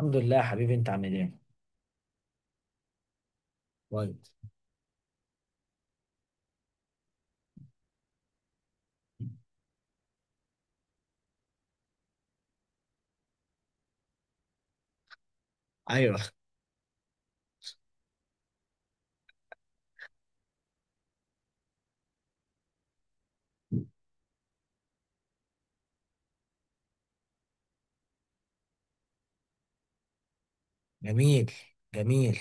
الحمد لله يا حبيبي، انت عامل ايه؟ كويس. ايوه. جميل، جميل.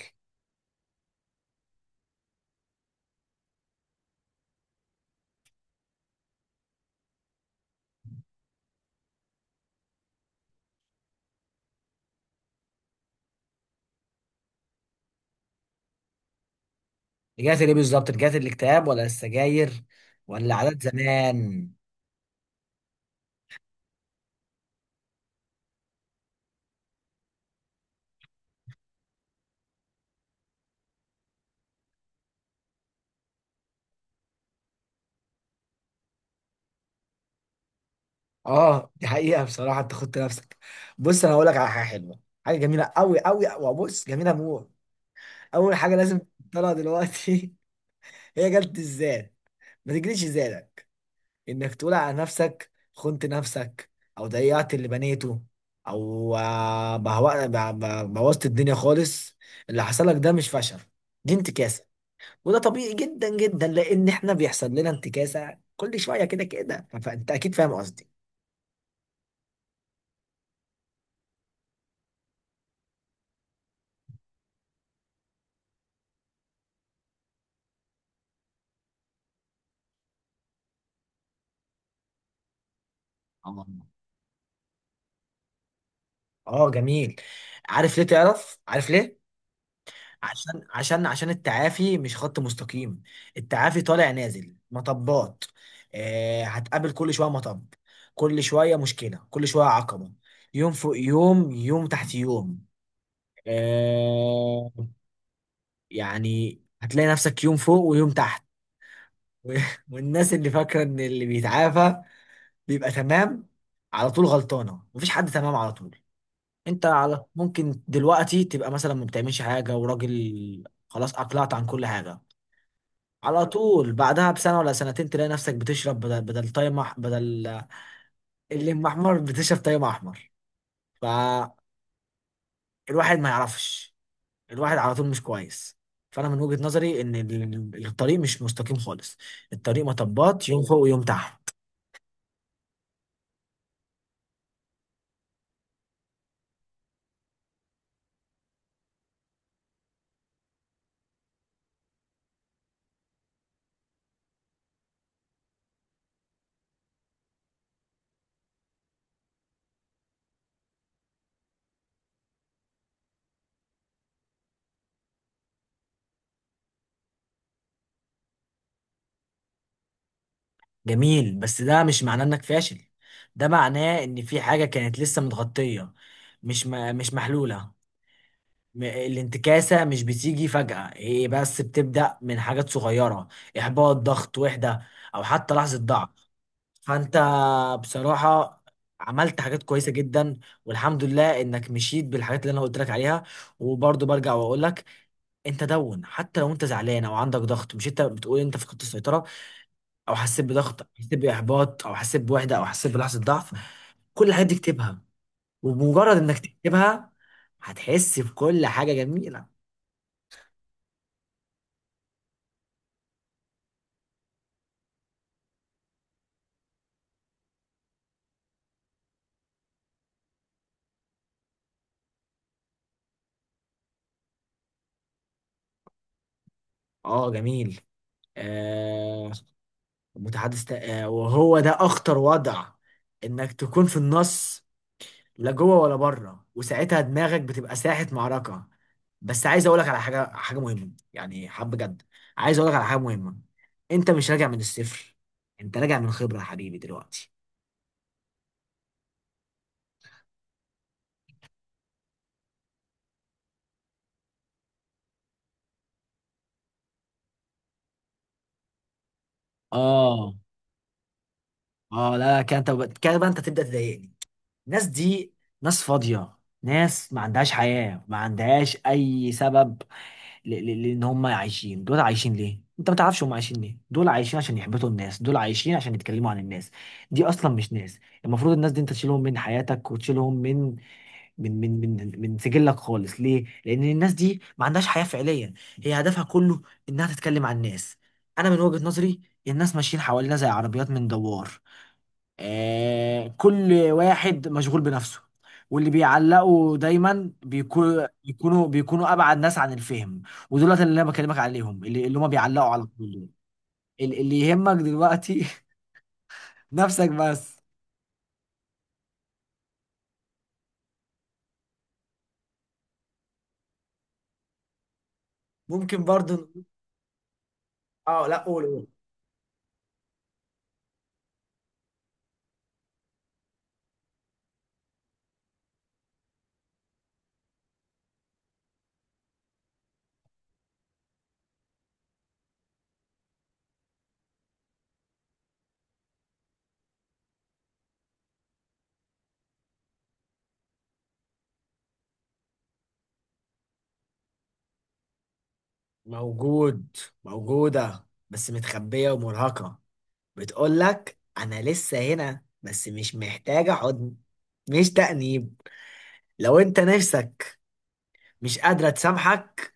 رجعت ليه بالظبط؟ رجعت الاكتئاب ولا السجاير ولا عادات زمان؟ اه دي حقيقة، بصراحة انت خدت نفسك. بص انا هقول لك على حاجة حلوة، حاجة جميلة قوي قوي، وبص جميلة موت. اول حاجة لازم تطلع دلوقتي هي جلد الذات. ما تجريش الزيادة انك تقول على نفسك خنت نفسك، او ضيعت اللي بنيته، او بوظت الدنيا خالص. اللي حصل لك ده مش فشل، دي انتكاسة. وده طبيعي جدا جدا، لان احنا بيحصل لنا انتكاسة كل شوية كده كده. فانت اكيد فاهم قصدي. اه. اه جميل. عارف ليه؟ تعرف عارف ليه؟ عشان التعافي مش خط مستقيم. التعافي طالع نازل مطبات. آه، هتقابل كل شويه مطب، كل شويه مشكله، كل شويه عقبه. يوم فوق يوم، يوم تحت يوم. آه. يعني هتلاقي نفسك يوم فوق ويوم تحت. والناس اللي فاكره ان اللي بيتعافى بيبقى تمام على طول غلطانه. مفيش حد تمام على طول. انت على ممكن دلوقتي تبقى مثلا ما بتعملش حاجه وراجل، خلاص اقلعت عن كل حاجه، على طول بعدها بسنة ولا سنتين تلاقي نفسك بتشرب بدل بدل الليمون احمر بتشرب تايم احمر. فالواحد ما يعرفش. الواحد على طول مش كويس. فانا من وجهة نظري ان الطريق مش مستقيم خالص. الطريق مطبات، يوم فوق ويوم تحت. جميل، بس ده مش معناه انك فاشل. ده معناه ان في حاجة كانت لسه متغطية، مش محلولة. الانتكاسة مش بتيجي فجأة، هي بس بتبدأ من حاجات صغيرة: إحباط، ضغط، وحدة، أو حتى لحظة ضعف. فأنت بصراحة عملت حاجات كويسة جدا، والحمد لله إنك مشيت بالحاجات اللي أنا قلت لك عليها. وبرضه برجع وأقول لك، أنت دون حتى لو أنت زعلان أو عندك ضغط، مش أنت بتقول أنت فقدت السيطرة أو حسيت بضغط أو حسيت بإحباط أو حسيت بوحدة أو حسيت بلحظة ضعف، كل الحاجات دي اكتبها. وبمجرد إنك تكتبها هتحس بكل حاجة جميلة. اه جميل. آه. وهو ده اخطر وضع، انك تكون في النص، لا جوه ولا بره، وساعتها دماغك بتبقى ساحة معركة. بس عايز اقولك على حاجة، حاجة مهمة يعني، حب جد. عايز اقولك على حاجة مهمة، انت مش راجع من الصفر، انت راجع من خبرة يا حبيبي دلوقتي. اه. اه لا كده، انت كده بقى انت تبدأ تضايقني. الناس دي ناس فاضية، ناس ما عندهاش حياة، ما عندهاش أي سبب. لان هم عايشين. دول عايشين ليه انت ما تعرفش؟ هم عايشين ليه؟ دول عايشين عشان يحبطوا الناس، دول عايشين عشان يتكلموا عن الناس. دي اصلا مش ناس. المفروض الناس دي انت تشيلهم من حياتك وتشيلهم من من سجلك خالص. ليه؟ لان الناس دي ما عندهاش حياة فعليا. هي هدفها كله انها تتكلم عن الناس. انا من وجهة نظري الناس ماشيين حوالينا زي عربيات من دوار، آه، كل واحد مشغول بنفسه. واللي بيعلقوا دايما بيكون بيكونوا ابعد ناس عن الفهم. ودولت اللي انا بكلمك عليهم، اللي هم بيعلقوا على طول دول. اللي يهمك دلوقتي نفسك بس. ممكن برضو نقول- اه لا قول قول. موجود، موجودة بس متخبية ومرهقة. بتقول لك انا لسه هنا بس مش محتاجة حضن، مش تأنيب. لو انت نفسك مش قادرة تسامحك،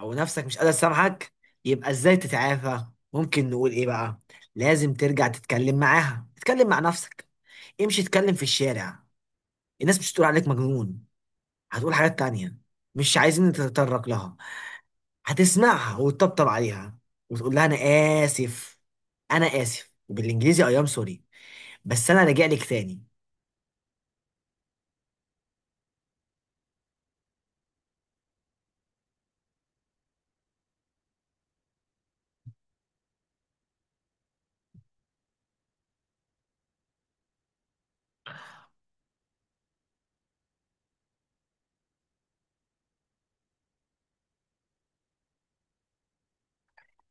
او نفسك مش قادر تسامحك، يبقى ازاي تتعافى؟ ممكن نقول ايه بقى؟ لازم ترجع تتكلم معاها. اتكلم مع نفسك، امشي اتكلم في الشارع. الناس مش هتقول عليك مجنون، هتقول حاجات تانية مش عايزين نتطرق لها. هتسمعها وتطبطب عليها وتقول لها انا اسف. انا اسف، وبالانجليزي اي ام سوري. بس انا راجع لك تاني.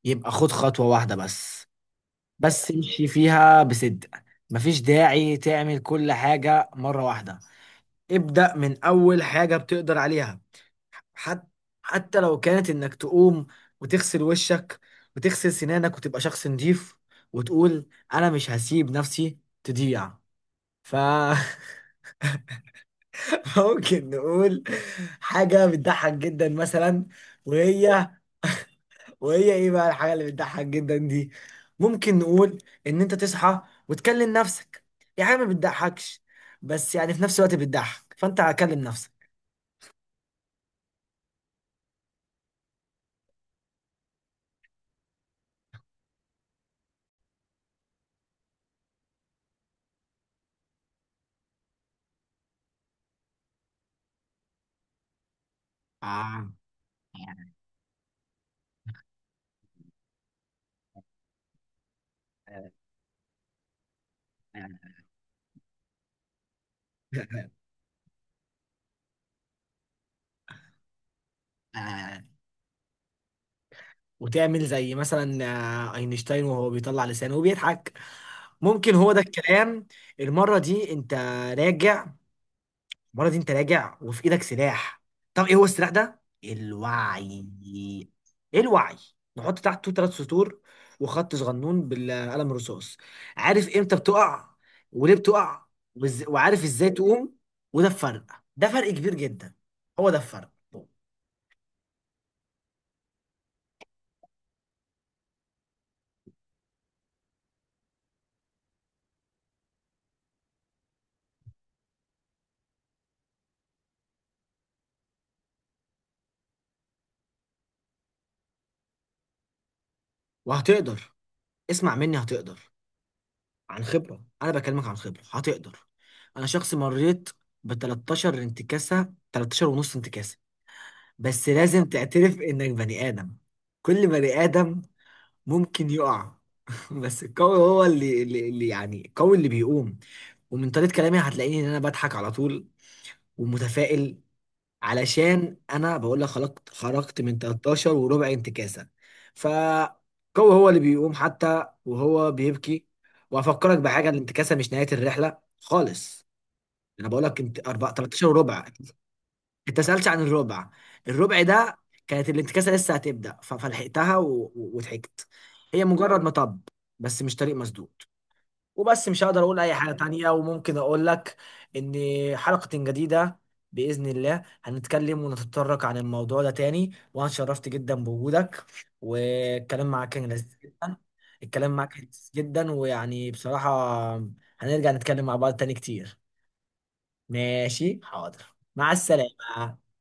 يبقى خد خطوة واحدة بس، بس امشي فيها بصدق. مفيش داعي تعمل كل حاجة مرة واحدة. ابدأ من أول حاجة بتقدر عليها، حتى لو كانت إنك تقوم وتغسل وشك وتغسل سنانك وتبقى شخص نظيف، وتقول أنا مش هسيب نفسي تضيع. ف ممكن نقول حاجة بتضحك جدا مثلا، وهي إيه بقى الحاجة اللي بتضحك جدا دي؟ ممكن نقول إن أنت تصحى وتكلم نفسك. يعني حاجة ما بتضحكش، بس يعني في نفس الوقت بتضحك. فأنت هكلم نفسك. آه. آه، وتعمل زي مثلا آه، اينشتاين وهو بيطلع لسانه وبيضحك. ممكن هو ده الكلام. المرة دي انت راجع. المرة دي انت راجع وفي ايدك سلاح. طب ايه هو السلاح ده؟ الوعي. ايه الوعي؟ نحط تحته ثلاث سطور وخط صغنون بالقلم الرصاص. عارف امتى بتقع وليه بتقع، وعارف ازاي تقوم. وده الفرق، ده فرق كبير جدا، هو ده الفرق. وهتقدر، اسمع مني هتقدر. عن خبرة، أنا بكلمك عن خبرة، هتقدر. أنا شخص مريت ب 13 انتكاسة، 13 ونص انتكاسة. بس لازم تعترف إنك بني آدم، كل بني آدم ممكن يقع. بس القوي هو اللي يعني القوي اللي بيقوم. ومن طريقة كلامي هتلاقيني إن أنا بضحك على طول ومتفائل، علشان انا بقول لك خرجت من 13 وربع انتكاسه. فهو اللي بيقوم حتى وهو بيبكي. وافكرك بحاجه، الانتكاسه مش نهايه الرحله خالص. انا بقول لك انت 13 وربع. انت سالتش عن الربع. الربع ده كانت الانتكاسه لسه هتبدا فلحقتها وضحكت. هي مجرد مطب، بس مش طريق مسدود. وبس مش هقدر اقول اي حاجه تانية، وممكن اقول لك ان حلقه جديده باذن الله هنتكلم ونتطرق عن الموضوع ده تاني. وانا اتشرفت جدا بوجودك، والكلام معاك كان لذيذ جدا. الكلام معاك كان لذيذ جدا، ويعني بصراحه هنرجع نتكلم مع بعض تاني كتير. ماشي، حاضر. مع السلامه.